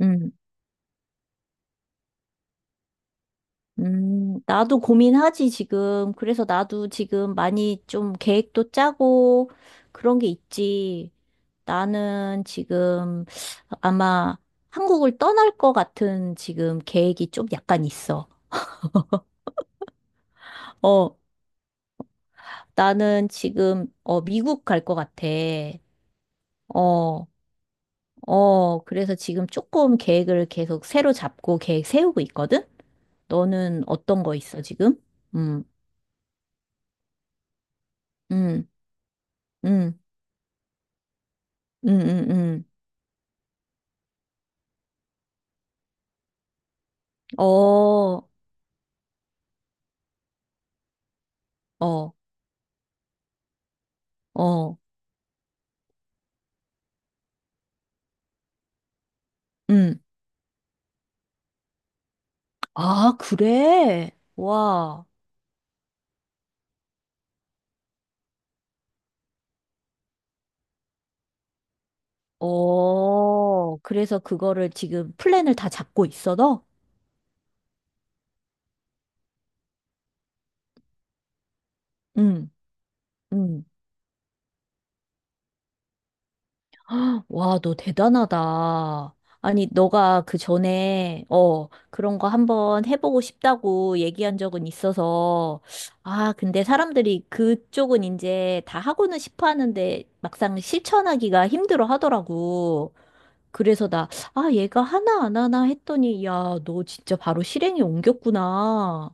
음, 나도 고민하지, 지금. 그래서 나도 지금 많이 좀 계획도 짜고 그런 게 있지. 나는 지금 아마 한국을 떠날 것 같은 지금 계획이 좀 약간 있어. 어, 나는 지금, 미국 갈 것 같아. 어, 그래서 지금 조금 계획을 계속 새로 잡고 계획 세우고 있거든? 너는 어떤 거 있어, 지금? 음, 음, 음, 음, 음, 음. 어, 어, 어, 음. 아, 그래? 와, 그래서 그거를 지금 플랜을 다 잡고 있어, 너? 응, 응. 와, 너 대단하다. 아니, 너가 그 전에, 그런 거 한번 해보고 싶다고 얘기한 적은 있어서, 아, 근데 사람들이 그쪽은 이제 다 하고는 싶어 하는데 막상 실천하기가 힘들어 하더라고. 그래서 나, 아, 얘가 하나 안 하나 했더니, 야, 너 진짜 바로 실행에 옮겼구나.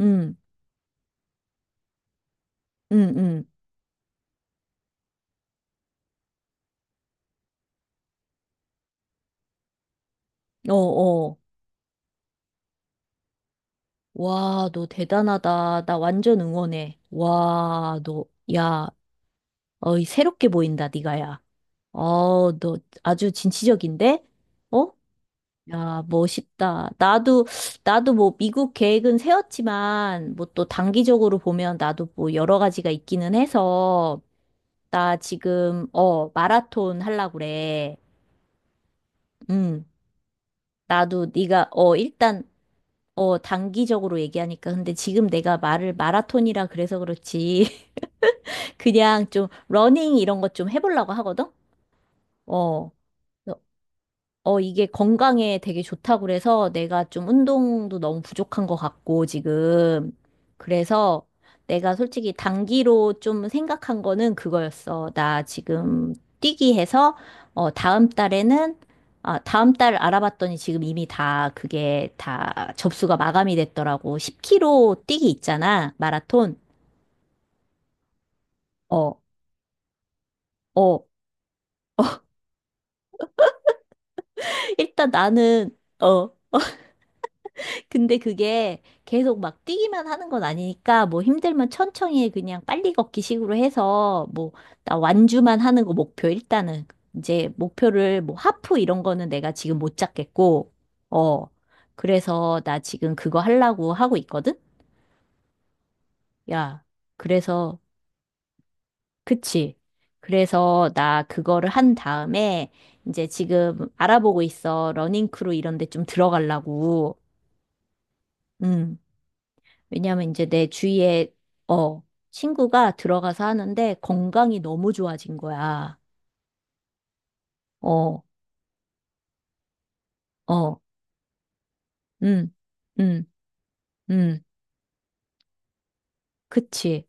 응, 응, 응. 어, 어. 와, 너 대단하다. 나 완전 응원해. 야, 어이, 새롭게 보인다, 네가, 야. 어, 너 아주 진취적인데? 어? 야, 멋있다. 나도 뭐, 미국 계획은 세웠지만, 뭐 또 단기적으로 보면 나도 뭐 여러 가지가 있기는 해서, 나 지금 마라톤 하려고 그래. 음. 나도 네가 일단 단기적으로 얘기하니까 근데 지금 내가 말을 마라톤이라 그래서 그렇지. 그냥 좀 러닝 이런 것 좀 해보려고 하거든. 어. 어, 이게 건강에 되게 좋다고 그래서 내가 좀 운동도 너무 부족한 것 같고, 지금. 그래서 내가 솔직히 단기로 좀 생각한 거는 그거였어. 나 지금 뛰기 해서, 다음 달에는, 아, 다음 달 알아봤더니 지금 이미 다 그게 다 접수가 마감이 됐더라고. 10km 뛰기 있잖아. 마라톤. 어, 어. 일단 나는, 어, 근데 그게 계속 막 뛰기만 하는 건 아니니까 뭐 힘들면 천천히 해. 그냥 빨리 걷기 식으로 해서 뭐 나 완주만 하는 거 목표 일단은 이제 목표를 뭐 하프 이런 거는 내가 지금 못 잡겠고 어 그래서 나 지금 그거 하려고 하고 있거든. 야 그래서 그치. 그래서 나 그거를 한 다음에 이제 지금 알아보고 있어. 러닝크루 이런 데 좀 들어가려고. 음. 왜냐하면 이제 내 주위에 어 친구가 들어가서 하는데 건강이 너무 좋아진 거야. 어, 어, 음, 음, 음, 그치.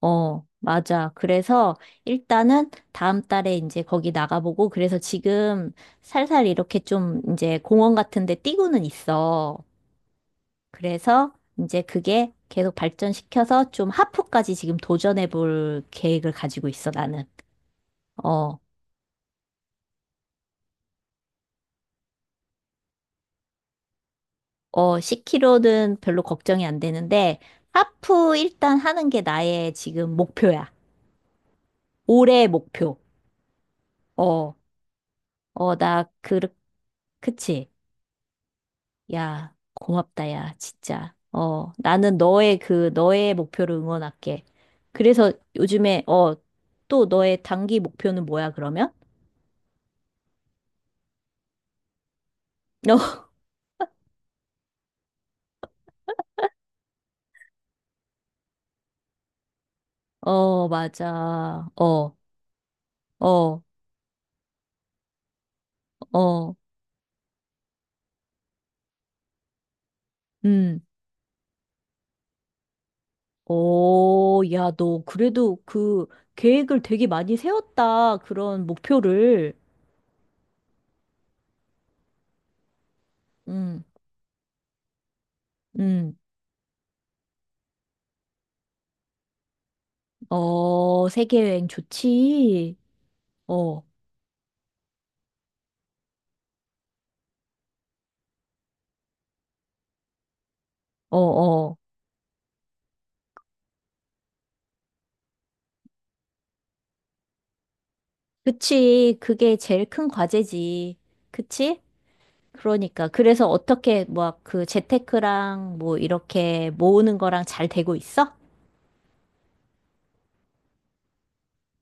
어, 맞아. 그래서 일단은 다음 달에 이제 거기 나가보고 그래서 지금 살살 이렇게 좀 이제 공원 같은 데 뛰고는 있어. 그래서 이제 그게 계속 발전시켜서 좀 하프까지 지금 도전해 볼 계획을 가지고 있어, 나는. 어. 어, 10K 는 별로 걱정이 안 되는데, 하프 일단 하는 게 나의 지금 목표야. 올해 목표. 어, 어, 나, 그, 그치. 야, 고맙다, 야, 진짜. 어, 나는 너의 목표를 응원할게. 그래서 요즘에, 또 너의 단기 목표는 뭐야, 그러면? 어, 맞아. 어, 어, 어, 음. 어, 야, 너 그래도 그 계획을 되게 많이 세웠다. 그런 목표를. 응, 응. 어, 세계 여행 좋지. 어, 어, 어. 그치. 그게 제일 큰 과제지. 그치? 그러니까. 그래서 어떻게, 뭐, 그 재테크랑 뭐, 이렇게 모으는 거랑 잘 되고 있어?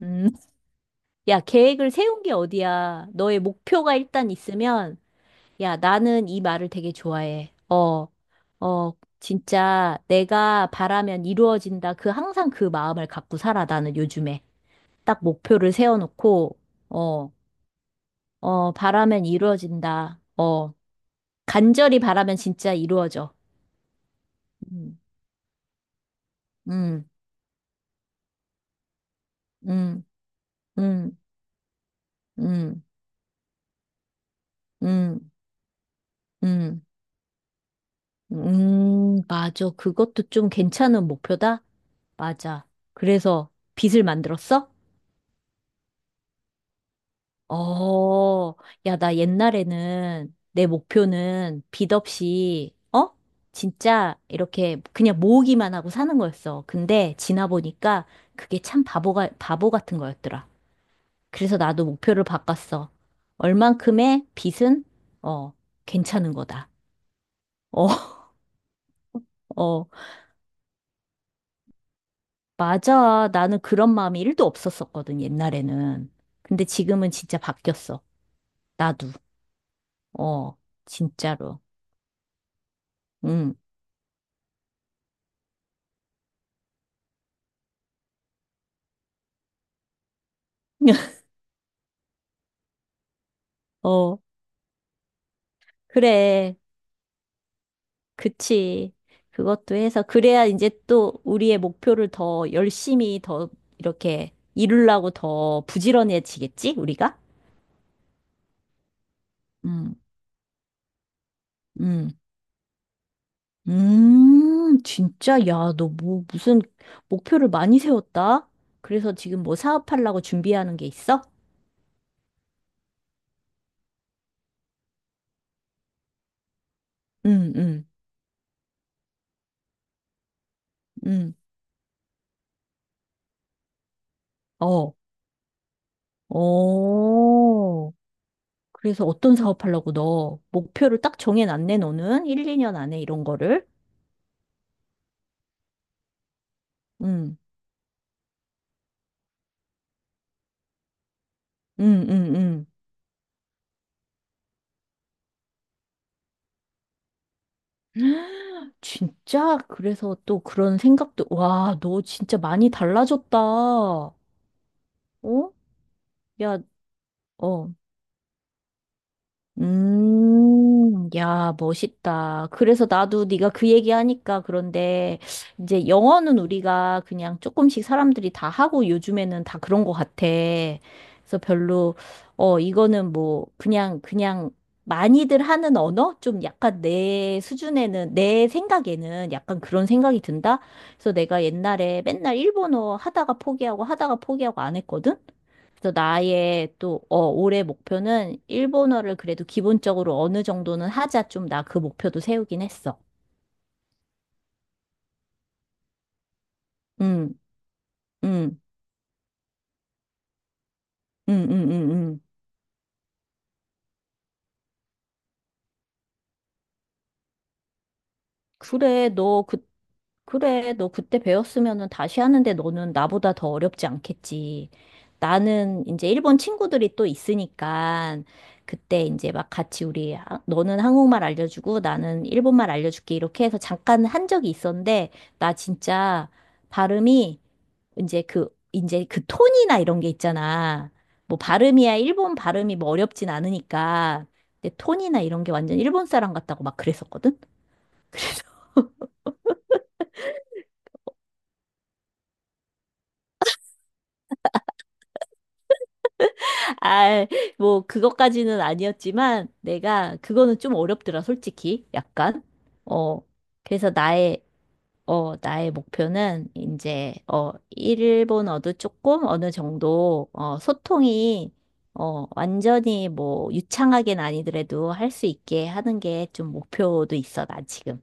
음. 야, 계획을 세운 게 어디야. 너의 목표가 일단 있으면 야, 나는 이 말을 되게 좋아해. 어, 진짜 내가 바라면 이루어진다. 그 항상 그 마음을 갖고 살아, 나는 요즘에. 딱 목표를 세워놓고, 어, 바라면 이루어진다. 간절히 바라면 진짜 이루어져. 음, 음, 음, 음, 음, 음, 음, 맞아. 그것도 좀 괜찮은 목표다? 맞아. 그래서 빚을 만들었어? 어, 야, 나 옛날에는 내 목표는 빚 없이, 어? 진짜 이렇게 그냥 모으기만 하고 사는 거였어. 근데 지나 보니까 그게 참 바보 같은 거였더라. 그래서 나도 목표를 바꿨어. 얼만큼의 빚은, 어, 괜찮은 거다. 어, 어, 맞아. 나는 그런 마음이 1도 없었었거든, 옛날에는. 근데 지금은 진짜 바뀌었어. 나도. 어, 진짜로. 응. 어. 그래, 그치. 그것도 해서, 그래야 이제 또 우리의 목표를 더 열심히 더 이렇게 이루려고 더 부지런해지겠지, 우리가? 음, 음, 진짜, 야, 너 뭐, 무슨 목표를 많이 세웠다? 그래서 지금 뭐 사업하려고 준비하는 게 있어? 음, 음, 음, 어, 어. 그래서 어떤 사업하려고 너 목표를 딱 정해놨네, 너는? 1, 2년 안에 이런 거를? 음. 응, 응, 응. 진짜? 그래서 또 그런 생각도, 와, 너 진짜 많이 달라졌다. 어? 야, 어. 야, 멋있다. 그래서 나도 네가 그 얘기하니까 그런데 이제 영어는 우리가 그냥 조금씩 사람들이 다 하고 요즘에는 다 그런 것 같아. 그래서 별로 이거는 뭐 그냥 많이들 하는 언어? 좀 약간 내 수준에는 내 생각에는 약간 그런 생각이 든다. 그래서 내가 옛날에 맨날 일본어 하다가 포기하고 하다가 포기하고 안 했거든. 그래서 나의 또, 올해 목표는 일본어를 그래도 기본적으로 어느 정도는 하자. 좀 나 그 목표도 세우긴 했어. 응, 응, 응, 응, 응, 응. 그래, 너 그, 그래, 너 그때 배웠으면은 다시 하는데 너는 나보다 더 어렵지 않겠지. 나는 이제 일본 친구들이 또 있으니까 그때 이제 막 같이 우리, 아, 너는 한국말 알려주고 나는 일본말 알려줄게. 이렇게 해서 잠깐 한 적이 있었는데 나 진짜 발음이 이제 그 톤이나 이런 게 있잖아. 뭐 발음이야, 일본 발음이 뭐 어렵진 않으니까. 근데 톤이나 이런 게 완전 일본 사람 같다고 막 그랬었거든? 아, 뭐 그것까지는 아니었지만 내가 그거는 좀 어렵더라, 솔직히. 약간. 어. 그래서 나의 나의 목표는 이제, 일본어도 조금 어느 정도, 소통이, 완전히 뭐, 유창하게는 아니더라도 할 수 있게 하는 게 좀 목표도 있어, 나 지금.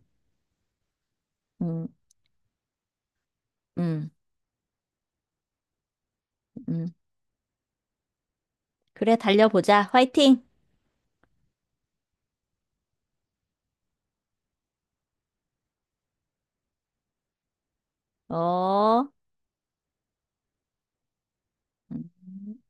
음, 음, 음. 그래, 달려보자. 화이팅! 어. 음.